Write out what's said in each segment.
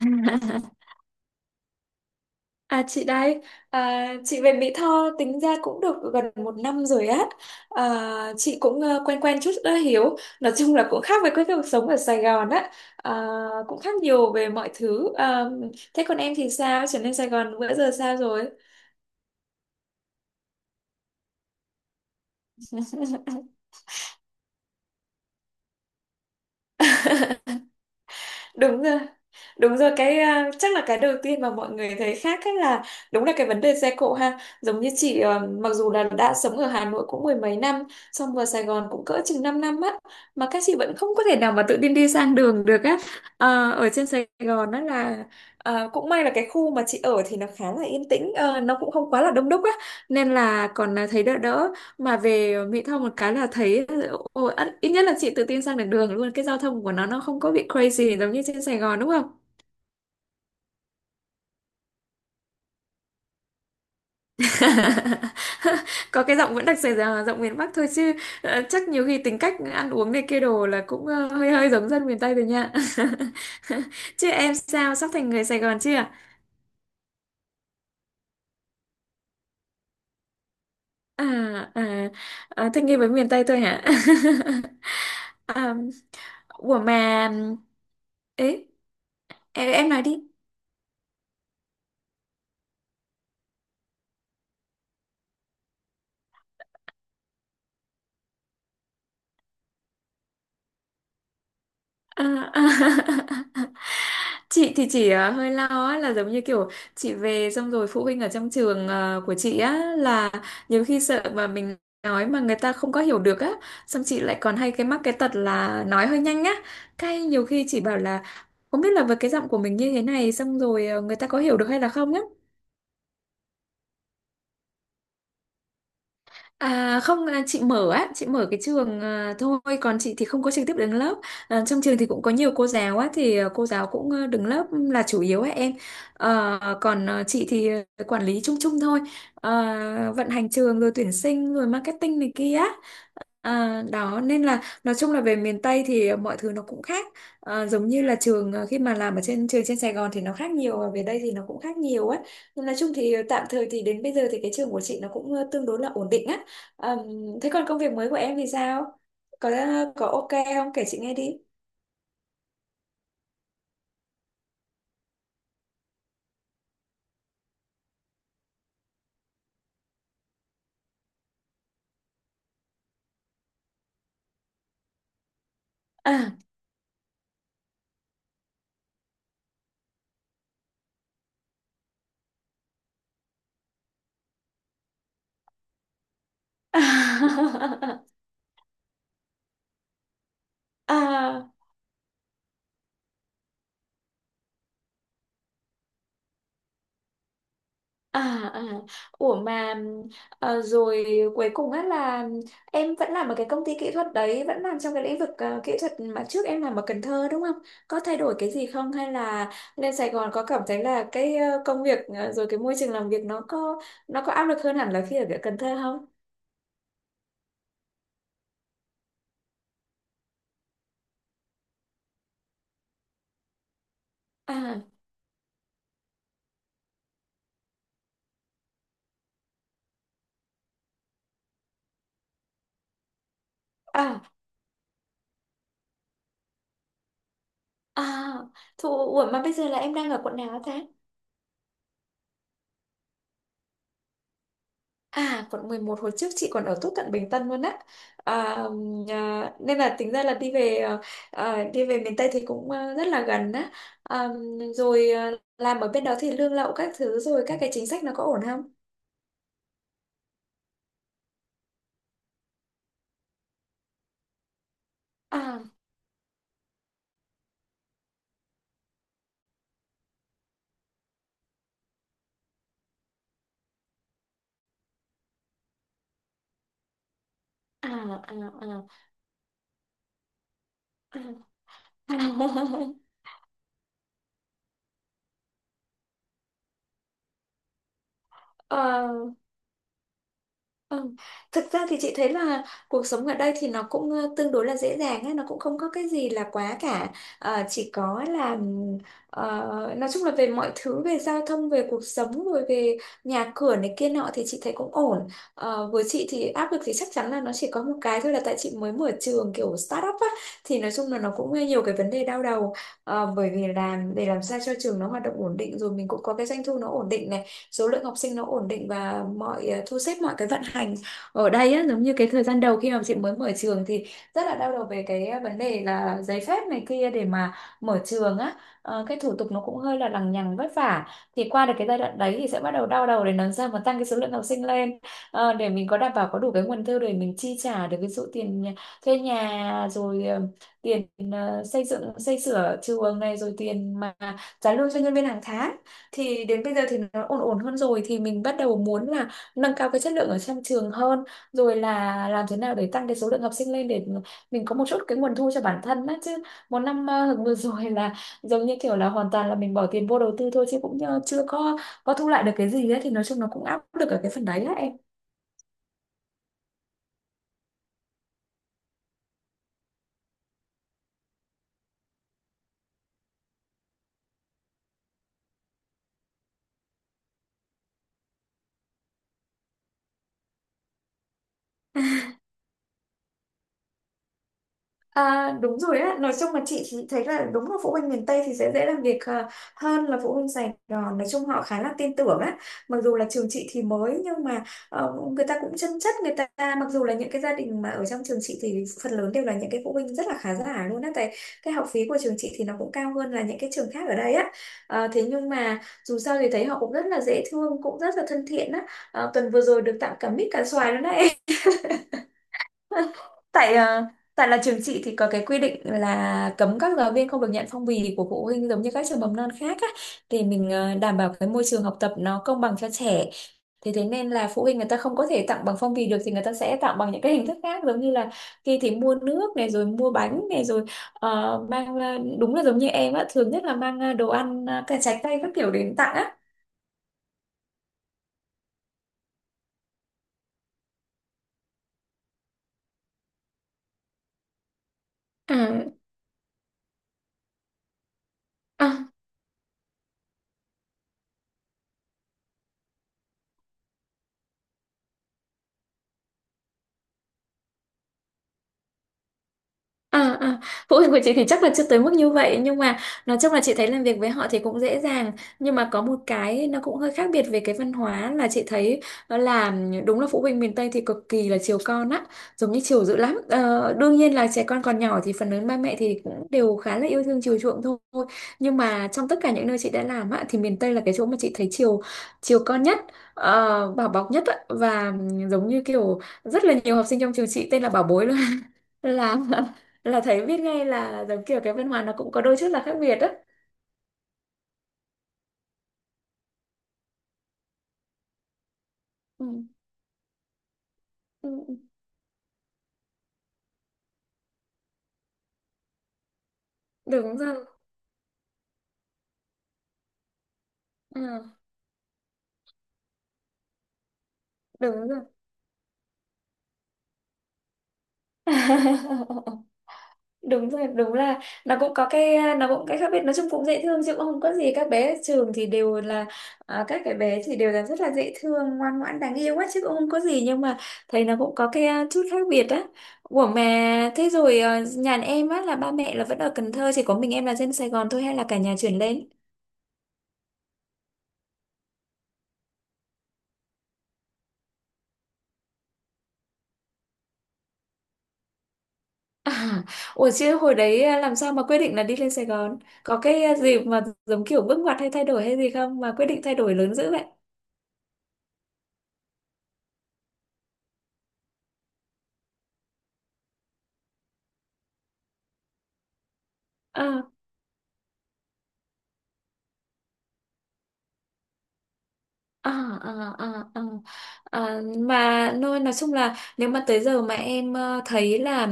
À, chị đây, chị về Mỹ Tho tính ra cũng được gần một năm rồi á. À, chị cũng quen quen chút đã hiểu. Nói chung là cũng khác với cái cuộc sống ở Sài Gòn á. À, cũng khác nhiều về mọi thứ. À, thế còn em thì sao? Trở lên Sài Gòn bữa giờ sao rồi? Đúng rồi. Đúng rồi chắc là cái đầu tiên mà mọi người thấy khác ấy là đúng là cái vấn đề xe cộ ha. Giống như chị mặc dù là đã sống ở Hà Nội cũng mười mấy năm, xong vào Sài Gòn cũng cỡ chừng 5 năm á mà các chị vẫn không có thể nào mà tự tin đi sang đường được á. Ờ, ở trên Sài Gòn đó là cũng may là cái khu mà chị ở thì nó khá là yên tĩnh, nó cũng không quá là đông đúc á nên là còn thấy đỡ đỡ mà về Mỹ Tho một cái là thấy ôi, ít ít nhất là chị tự tin sang được đường luôn, cái giao thông của nó không có bị crazy giống như trên Sài Gòn đúng không. Có cái giọng vẫn đặc Sài Gòn, giọng miền Bắc thôi chứ chắc nhiều khi tính cách ăn uống này kia đồ là cũng hơi hơi giống dân miền Tây rồi nha. Chứ em sao, sắp thành người Sài Gòn chưa à? À, à thích nghi với miền Tây thôi hả? À, ủa mà ấy, em nói đi. À, à. Chị thì chỉ hơi lo á, là giống như kiểu chị về xong rồi phụ huynh ở trong trường của chị á là nhiều khi sợ mà mình nói mà người ta không có hiểu được á, xong chị lại còn hay mắc cái tật là nói hơi nhanh á, cái nhiều khi chị bảo là không biết là với cái giọng của mình như thế này xong rồi người ta có hiểu được hay là không á. À, không à, chị mở á, chị mở cái trường thôi, còn chị thì không có trực tiếp đứng lớp. À, trong trường thì cũng có nhiều cô giáo á, thì cô giáo cũng đứng lớp là chủ yếu á em. Ờ, còn chị thì quản lý chung chung thôi. Ờ, vận hành trường rồi tuyển sinh rồi marketing này kia. À, đó nên là nói chung là về miền Tây thì mọi thứ nó cũng khác. À, giống như là trường khi mà làm ở trên trường trên Sài Gòn thì nó khác nhiều, và về đây thì nó cũng khác nhiều ấy. Nhưng nói chung thì tạm thời thì đến bây giờ thì cái trường của chị nó cũng tương đối là ổn định á. À, thế còn công việc mới của em thì sao, có có ok không, kể chị nghe đi. À, à. À, à. Ủa mà rồi cuối cùng á là em vẫn làm ở cái công ty kỹ thuật đấy, vẫn làm trong cái lĩnh vực kỹ thuật mà trước em làm ở Cần Thơ đúng không? Có thay đổi cái gì không, hay là lên Sài Gòn có cảm thấy là cái công việc rồi cái môi trường làm việc nó có áp lực hơn hẳn là khi ở Cần Thơ không? À, à, à Thụ, ủa mà bây giờ là em đang ở quận nào hả ta? À, quận 11, hồi trước chị còn ở tốt cận Bình Tân luôn á. À, à, nên là tính ra là đi về đi về miền Tây thì cũng rất là gần á. À, rồi làm ở bên đó thì lương lậu các thứ rồi các cái chính sách nó có ổn không? À, à, à, à, à. Ừ. Thực ra thì chị thấy là cuộc sống ở đây thì nó cũng tương đối là dễ dàng ấy, nó cũng không có cái gì là quá cả. Ờ, chỉ có là nói chung là về mọi thứ, về giao thông, về cuộc sống, rồi về nhà cửa này kia nọ thì chị thấy cũng ổn. Ờ, với chị thì áp lực thì chắc chắn là nó chỉ có một cái thôi, là tại chị mới mở trường kiểu startup á thì nói chung là nó cũng nhiều cái vấn đề đau đầu. Ờ, bởi vì là để làm sao cho trường nó hoạt động ổn định, rồi mình cũng có cái doanh thu nó ổn định này, số lượng học sinh nó ổn định, và mọi thu xếp mọi cái vận hành ở đây á, giống như cái thời gian đầu khi mà chị mới mở trường thì rất là đau đầu về cái vấn đề là giấy phép này kia để mà mở trường á. Ờ, cái thủ tục nó cũng hơi là lằng nhằng vất vả, thì qua được cái giai đoạn đấy thì sẽ bắt đầu đau đầu để làm sao mà tăng cái số lượng học sinh lên. Ờ, để mình có đảm bảo, có đủ cái nguồn thu để mình chi trả được, ví dụ tiền nhà- thuê nhà rồi tiền xây dựng xây sửa trường này, rồi tiền mà trả lương cho nhân viên hàng tháng. Thì đến bây giờ thì nó ổn ổn hơn rồi thì mình bắt đầu muốn là nâng cao cái chất lượng ở trong trường hơn, rồi là làm thế nào để tăng cái số lượng học sinh lên để mình có một chút cái nguồn thu cho bản thân á, chứ một năm vừa rồi là giống như kiểu là hoàn toàn là mình bỏ tiền vô đầu tư thôi, chứ cũng chưa có có thu lại được cái gì ấy, thì nói chung nó cũng áp lực ở cái phần đấy á em. À, đúng rồi á, nói chung là chị thì thấy là đúng là phụ huynh miền Tây thì sẽ dễ làm việc hơn là phụ huynh Sài Gòn, nói chung họ khá là tin tưởng á, mặc dù là trường chị thì mới, nhưng mà người ta cũng chân chất. Người ta mặc dù là những cái gia đình mà ở trong trường chị thì phần lớn đều là những cái phụ huynh rất là khá giả luôn á, tại cái học phí của trường chị thì nó cũng cao hơn là những cái trường khác ở đây á. Ờ, thế nhưng mà dù sao thì thấy họ cũng rất là dễ thương, cũng rất là thân thiện á. Ờ, tuần vừa rồi được tặng cả mít cả xoài luôn đấy. Tại tại là trường chị thì có cái quy định là cấm các giáo viên không được nhận phong bì của phụ huynh giống như các trường mầm non khác á, để mình đảm bảo cái môi trường học tập nó công bằng cho trẻ. Thế Thế nên là phụ huynh người ta không có thể tặng bằng phong bì được thì người ta sẽ tặng bằng những cái hình thức khác, giống như là khi thì mua nước này rồi mua bánh này rồi mang đúng là giống như em á, thường nhất là mang đồ ăn cả trái cây các kiểu đến tặng á. À, à, à, phụ huynh của chị thì chắc là chưa tới mức như vậy, nhưng mà nói chung là chị thấy làm việc với họ thì cũng dễ dàng. Nhưng mà có một cái nó cũng hơi khác biệt về cái văn hóa là chị thấy, đó là đúng là phụ huynh miền Tây thì cực kỳ là chiều con á, giống như chiều dữ lắm. Ờ, Đương nhiên là trẻ con còn nhỏ thì phần lớn ba mẹ thì cũng đều khá là yêu thương chiều chuộng thôi, nhưng mà trong tất cả những nơi chị đã làm á thì miền Tây là cái chỗ mà chị thấy chiều chiều con nhất, bảo bọc nhất á, và giống như kiểu rất là nhiều học sinh trong trường chị tên là bảo bối, là là thấy biết ngay là giống kiểu cái văn hóa nó cũng có đôi chút là khác biệt á. Ừ. Ừ, ừ. Đúng rồi. Ừ. Đúng rồi. Đúng rồi, đúng là nó cũng cái khác biệt, nói chung cũng dễ thương chứ cũng không có gì. Các cái bé thì đều là rất là dễ thương, ngoan ngoãn, đáng yêu quá chứ cũng không có gì, nhưng mà thấy nó cũng có cái chút khác biệt á. Ủa mà thế rồi nhà em á là ba mẹ là vẫn ở Cần Thơ, chỉ có mình em là dân Sài Gòn thôi hay là cả nhà chuyển lên? À, ủa chứ hồi đấy làm sao mà quyết định là đi lên Sài Gòn? Có cái gì mà giống kiểu bước ngoặt hay thay đổi hay gì không mà quyết định thay đổi lớn dữ vậy? À. À, à, à, à. À, mà nói chung là nếu mà tới giờ mà em thấy là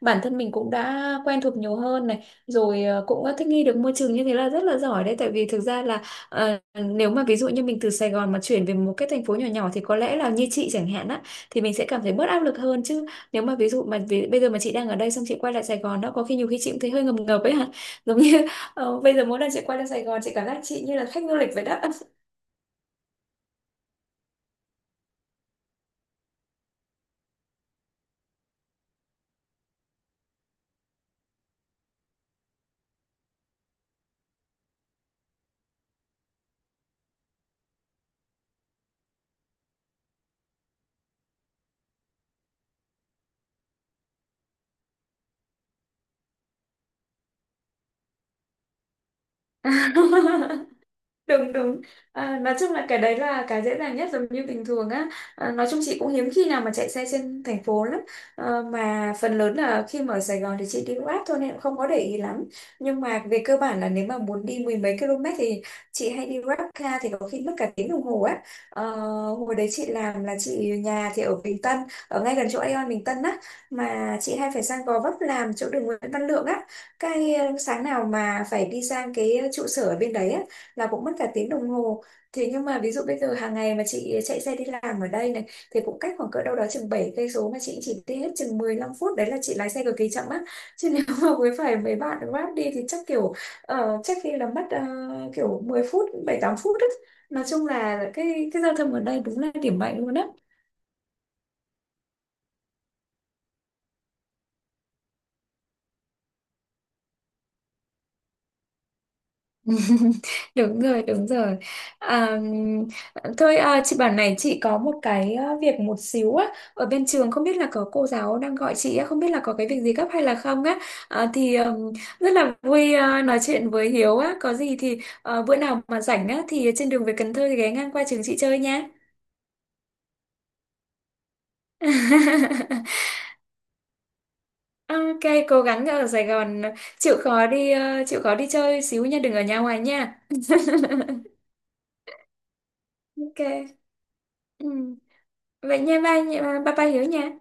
bản thân mình cũng đã quen thuộc nhiều hơn này rồi, cũng đã thích nghi được môi trường như thế là rất là giỏi đấy, tại vì thực ra là nếu mà ví dụ như mình từ Sài Gòn mà chuyển về một cái thành phố nhỏ nhỏ thì có lẽ là như chị chẳng hạn á, thì mình sẽ cảm thấy bớt áp lực hơn chứ. Nếu mà ví dụ mà vì, bây giờ mà chị đang ở đây xong chị quay lại Sài Gòn đó, có khi nhiều khi chị cũng thấy hơi ngập ngập ấy hả. Giống như bây giờ mỗi lần chị quay lại Sài Gòn chị cảm giác chị như là khách du lịch vậy đó. Đúng đúng. À, nói chung là cái đấy là cái dễ dàng nhất, giống như bình thường á. À, nói chung chị cũng hiếm khi nào mà chạy xe trên thành phố lắm. Ờ, mà phần lớn là khi mà ở Sài Gòn thì chị đi Grab thôi nên cũng không có để ý lắm, nhưng mà về cơ bản là nếu mà muốn đi mười mấy km thì chị hay đi Grab car thì có khi mất cả tiếng đồng hồ á. Ờ, hồi đấy chị làm là chị nhà thì ở Bình Tân, ở ngay gần chỗ Aeon Bình Tân á, mà chị hay phải sang Gò Vấp làm chỗ đường Nguyễn Văn Lượng á, cái sáng nào mà phải đi sang cái trụ sở ở bên đấy á là cũng mất cả tiếng đồng hồ. Thế nhưng mà ví dụ bây giờ hàng ngày mà chị chạy xe đi làm ở đây này thì cũng cách khoảng cỡ đâu đó chừng 7 cây số mà chị chỉ đi hết chừng 15 phút, đấy là chị lái xe cực kỳ chậm á. Chứ nếu mà với phải mấy bạn Grab đi thì chắc kiểu chắc khi là mất kiểu 10 phút, 7-8 phút á. Nói chung là cái giao thông ở đây đúng là điểm mạnh luôn á. Đúng rồi, đúng rồi. À, thôi chị bảo này, chị có một cái việc một xíu á ở bên trường, không biết là có cô giáo đang gọi chị á, không biết là có cái việc gì gấp hay là không á. À, thì rất là vui nói chuyện với Hiếu á, có gì thì bữa nào mà rảnh á thì trên đường về Cần Thơ thì ghé ngang qua trường chị chơi nha. Ok. Cố gắng ở Sài Gòn, chịu khó đi chơi xíu nha, đừng ở nhà hoài nha. Ok. Ừ. Vậy nha, ba, ba, ba ba hiểu nha.